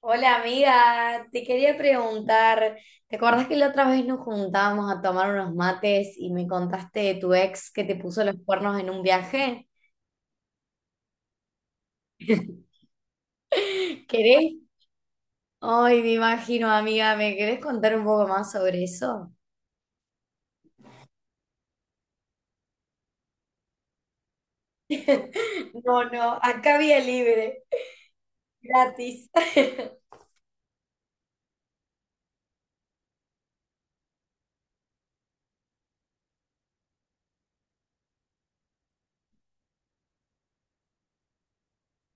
Hola amiga, te quería preguntar, ¿te acordás que la otra vez nos juntábamos a tomar unos mates y me contaste de tu ex que te puso los cuernos en un viaje? ¿Querés? Ay, me imagino, amiga, ¿me querés contar un poco más sobre eso? No, no, acá vía libre, gratis.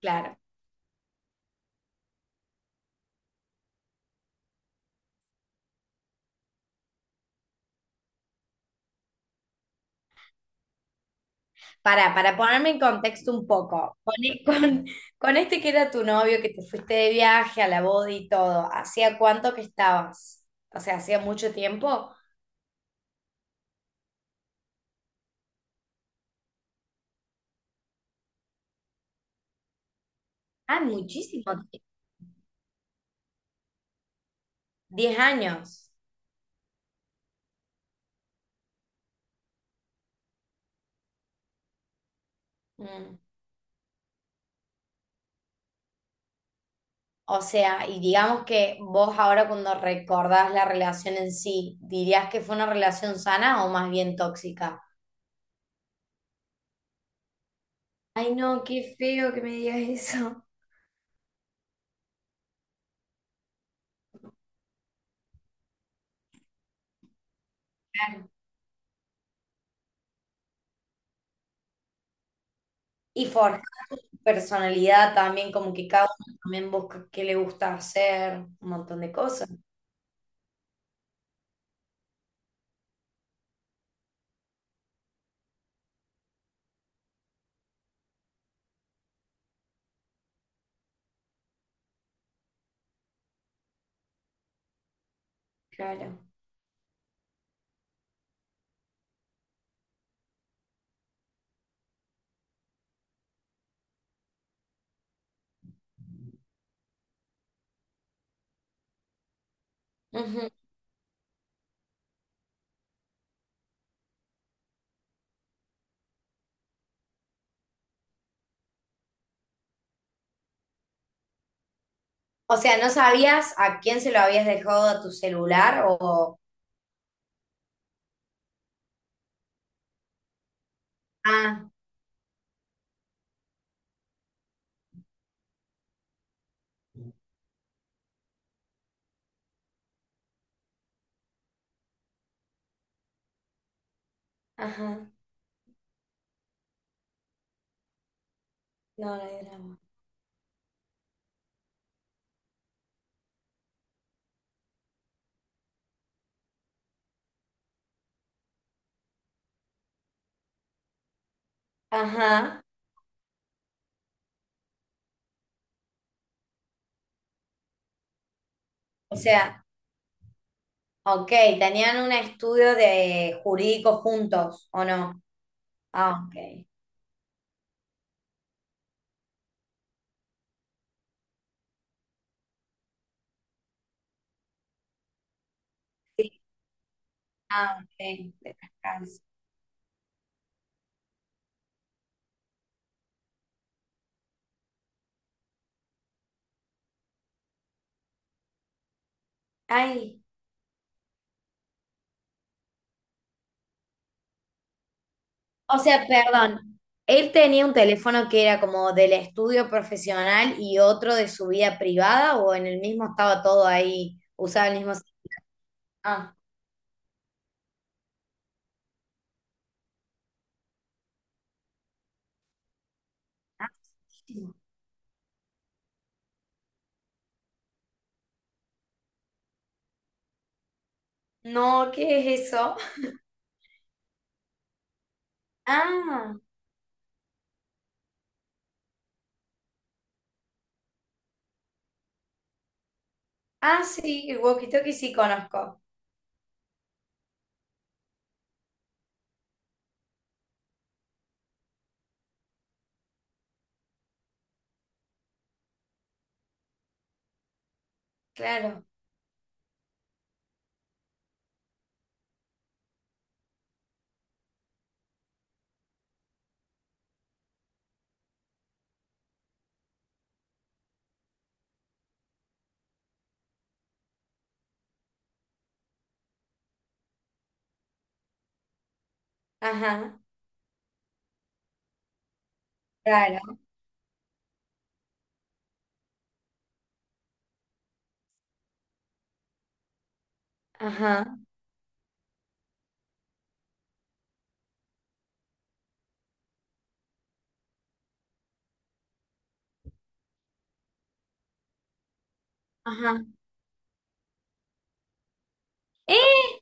Claro. Para ponerme en contexto un poco, con, con este que era tu novio, que te fuiste de viaje a la boda y todo, ¿hacía cuánto que estabas? O sea, ¿hacía mucho tiempo? Ah, muchísimo, 10 años. Mm. O sea, y digamos que vos ahora cuando recordás la relación en sí, ¿dirías que fue una relación sana o más bien tóxica? Ay, no, qué feo que me digas eso. Claro. Y forjar tu personalidad también, como que cada uno también busca qué le gusta hacer, un montón de cosas. Claro. Ujú. O sea, ¿no sabías a quién se lo habías dejado a tu celular o... Ah, ajá. No, no hay drama. Ajá. O sea, ok, tenían un estudio de jurídico juntos, ¿o no? Ah, ok. Sí, ah, ok. De descanso. Ay, o sea, perdón. Él tenía un teléfono que era como del estudio profesional y otro de su vida privada, o en el mismo estaba todo ahí, usaba el mismo. Ah, ah, sí. No, ¿qué es eso? Ah, ah, sí, el walkie-talkie sí conozco. Claro, ajá, claro, ajá, ajá. ¡Eh!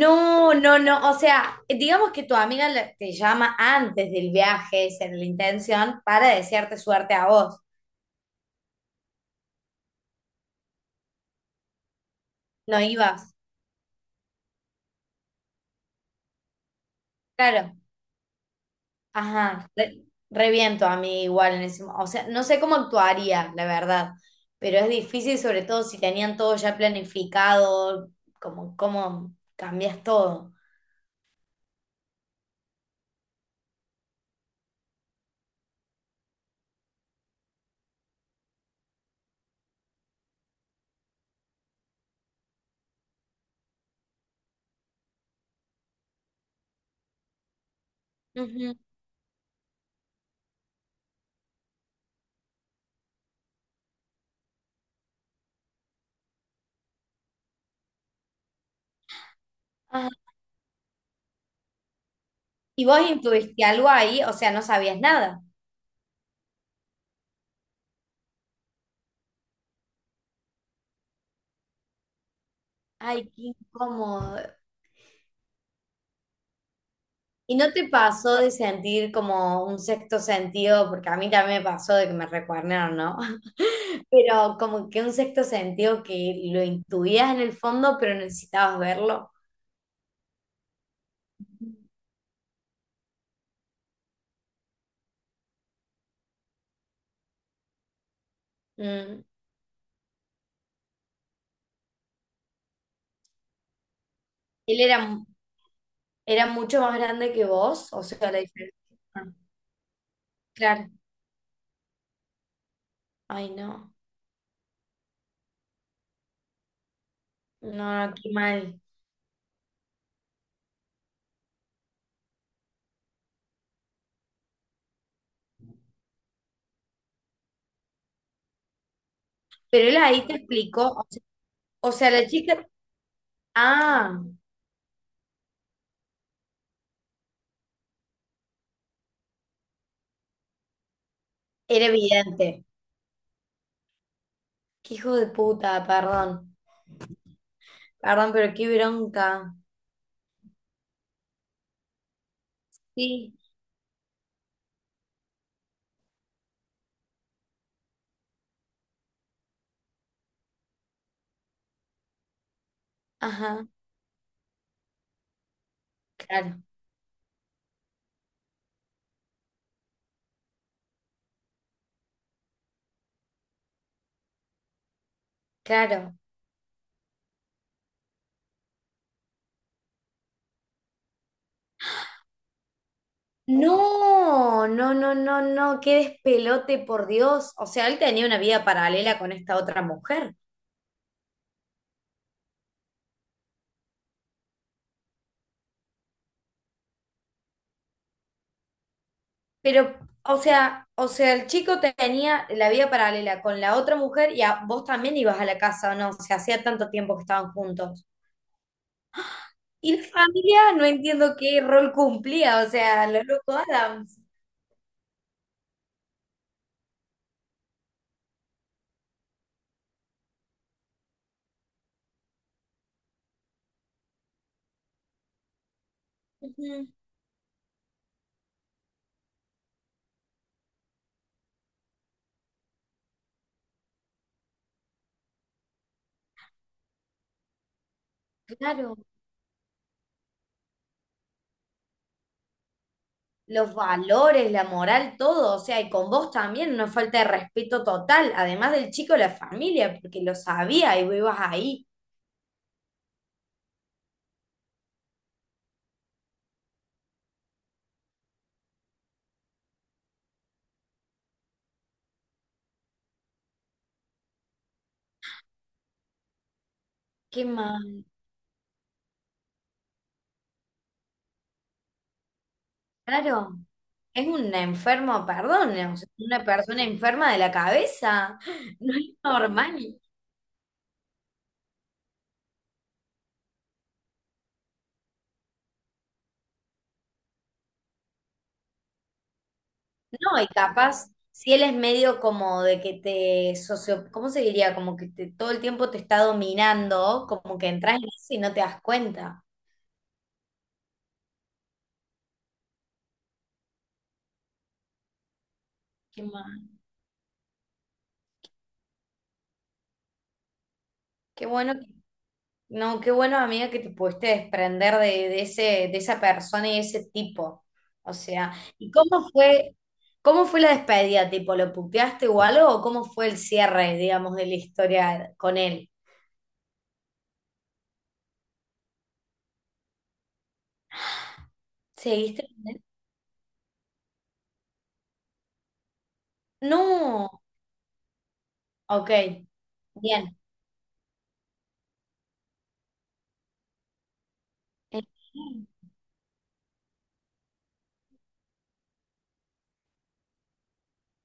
No, no, no. O sea, digamos que tu amiga la- te llama antes del viaje, esa era la intención, para desearte suerte a vos. No ibas. Claro. Ajá. Re, re bien tu amiga igual en ese mo- O sea, no sé cómo actuaría, la verdad. Pero es difícil, sobre todo si tenían todo ya planificado, como cómo cambias todo. Ujú. Ajá. ¿Y vos intuiste algo ahí? O sea, no sabías nada. Ay, qué incómodo. ¿Y no te pasó de sentir como un sexto sentido? Porque a mí también me pasó de que me recuernaron, ¿no? Pero como que un sexto sentido que lo intuías en el fondo, pero necesitabas verlo. Mm. Él era, era mucho más grande que vos, o sea, la diferencia. Ah, claro. Ay, no. No, no, qué mal. Pero él ahí te explicó, o sea, la chica. Ah, era evidente. Qué hijo de puta, perdón. Perdón, pero qué bronca. Sí, ajá, claro, claro. No, no, no, no, no, qué despelote, por Dios. O sea, él tenía una vida paralela con esta otra mujer. Pero, o sea, el chico tenía la vida paralela con la otra mujer y a, vos también ibas a la casa, ¿o no? O sea, hacía tanto tiempo que estaban juntos. Y la familia, no entiendo qué rol cumplía, o sea, lo loco Adams. Ujú, claro. Los valores, la moral, todo, o sea, y con vos también, una falta de respeto total, además del chico, la familia, porque lo sabía y vos ibas ahí. Qué mal, claro. Es un enfermo, perdón, o sea, una persona enferma de la cabeza, no es normal. No, y capaz, si él es medio como de que te socio, ¿cómo se diría? Como que te- todo el tiempo te está dominando, como que entras en eso y no te das cuenta. Qué mal. Qué bueno. No, qué bueno, amiga, que te pudiste desprender de ese, de esa persona y ese tipo. O sea, ¿y cómo fue, cómo fue la despedida? ¿Tipo, lo puteaste o algo? ¿O cómo fue el cierre, digamos, de la historia con él? ¿Seguiste con él? No. Ok, bien.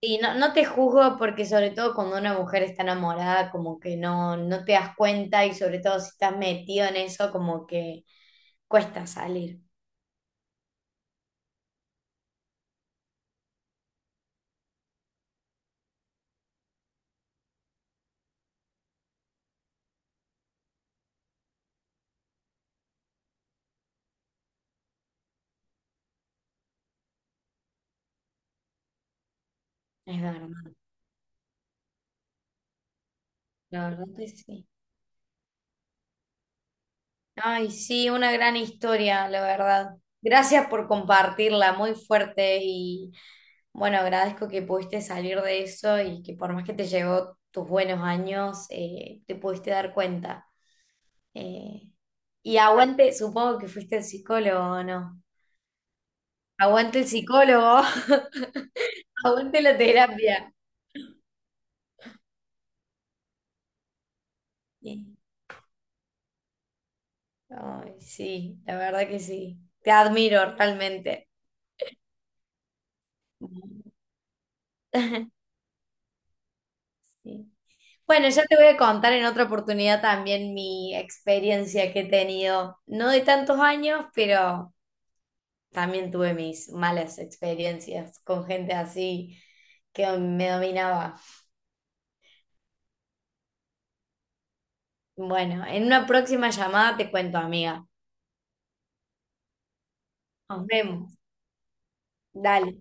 Y no, no te juzgo porque sobre todo cuando una mujer está enamorada, como que no, no te das cuenta y sobre todo si estás metido en eso, como que cuesta salir. Es verdad. La verdad que sí. Ay, sí, una gran historia, la verdad. Gracias por compartirla, muy fuerte y bueno, agradezco que pudiste salir de eso y que por más que te llevó tus buenos años, te pudiste dar cuenta. Eh, y aguante, supongo que fuiste el psicólogo, ¿o no? Aguante el psicólogo, aguante la terapia. Y- Ay, sí, la verdad que sí. Te admiro realmente. Sí. Bueno, ya te voy a contar en otra oportunidad también mi experiencia que he tenido, no de tantos años, pero también tuve mis malas experiencias con gente así que me dominaba. Bueno, en una próxima llamada te cuento, amiga. Nos vemos. Dale.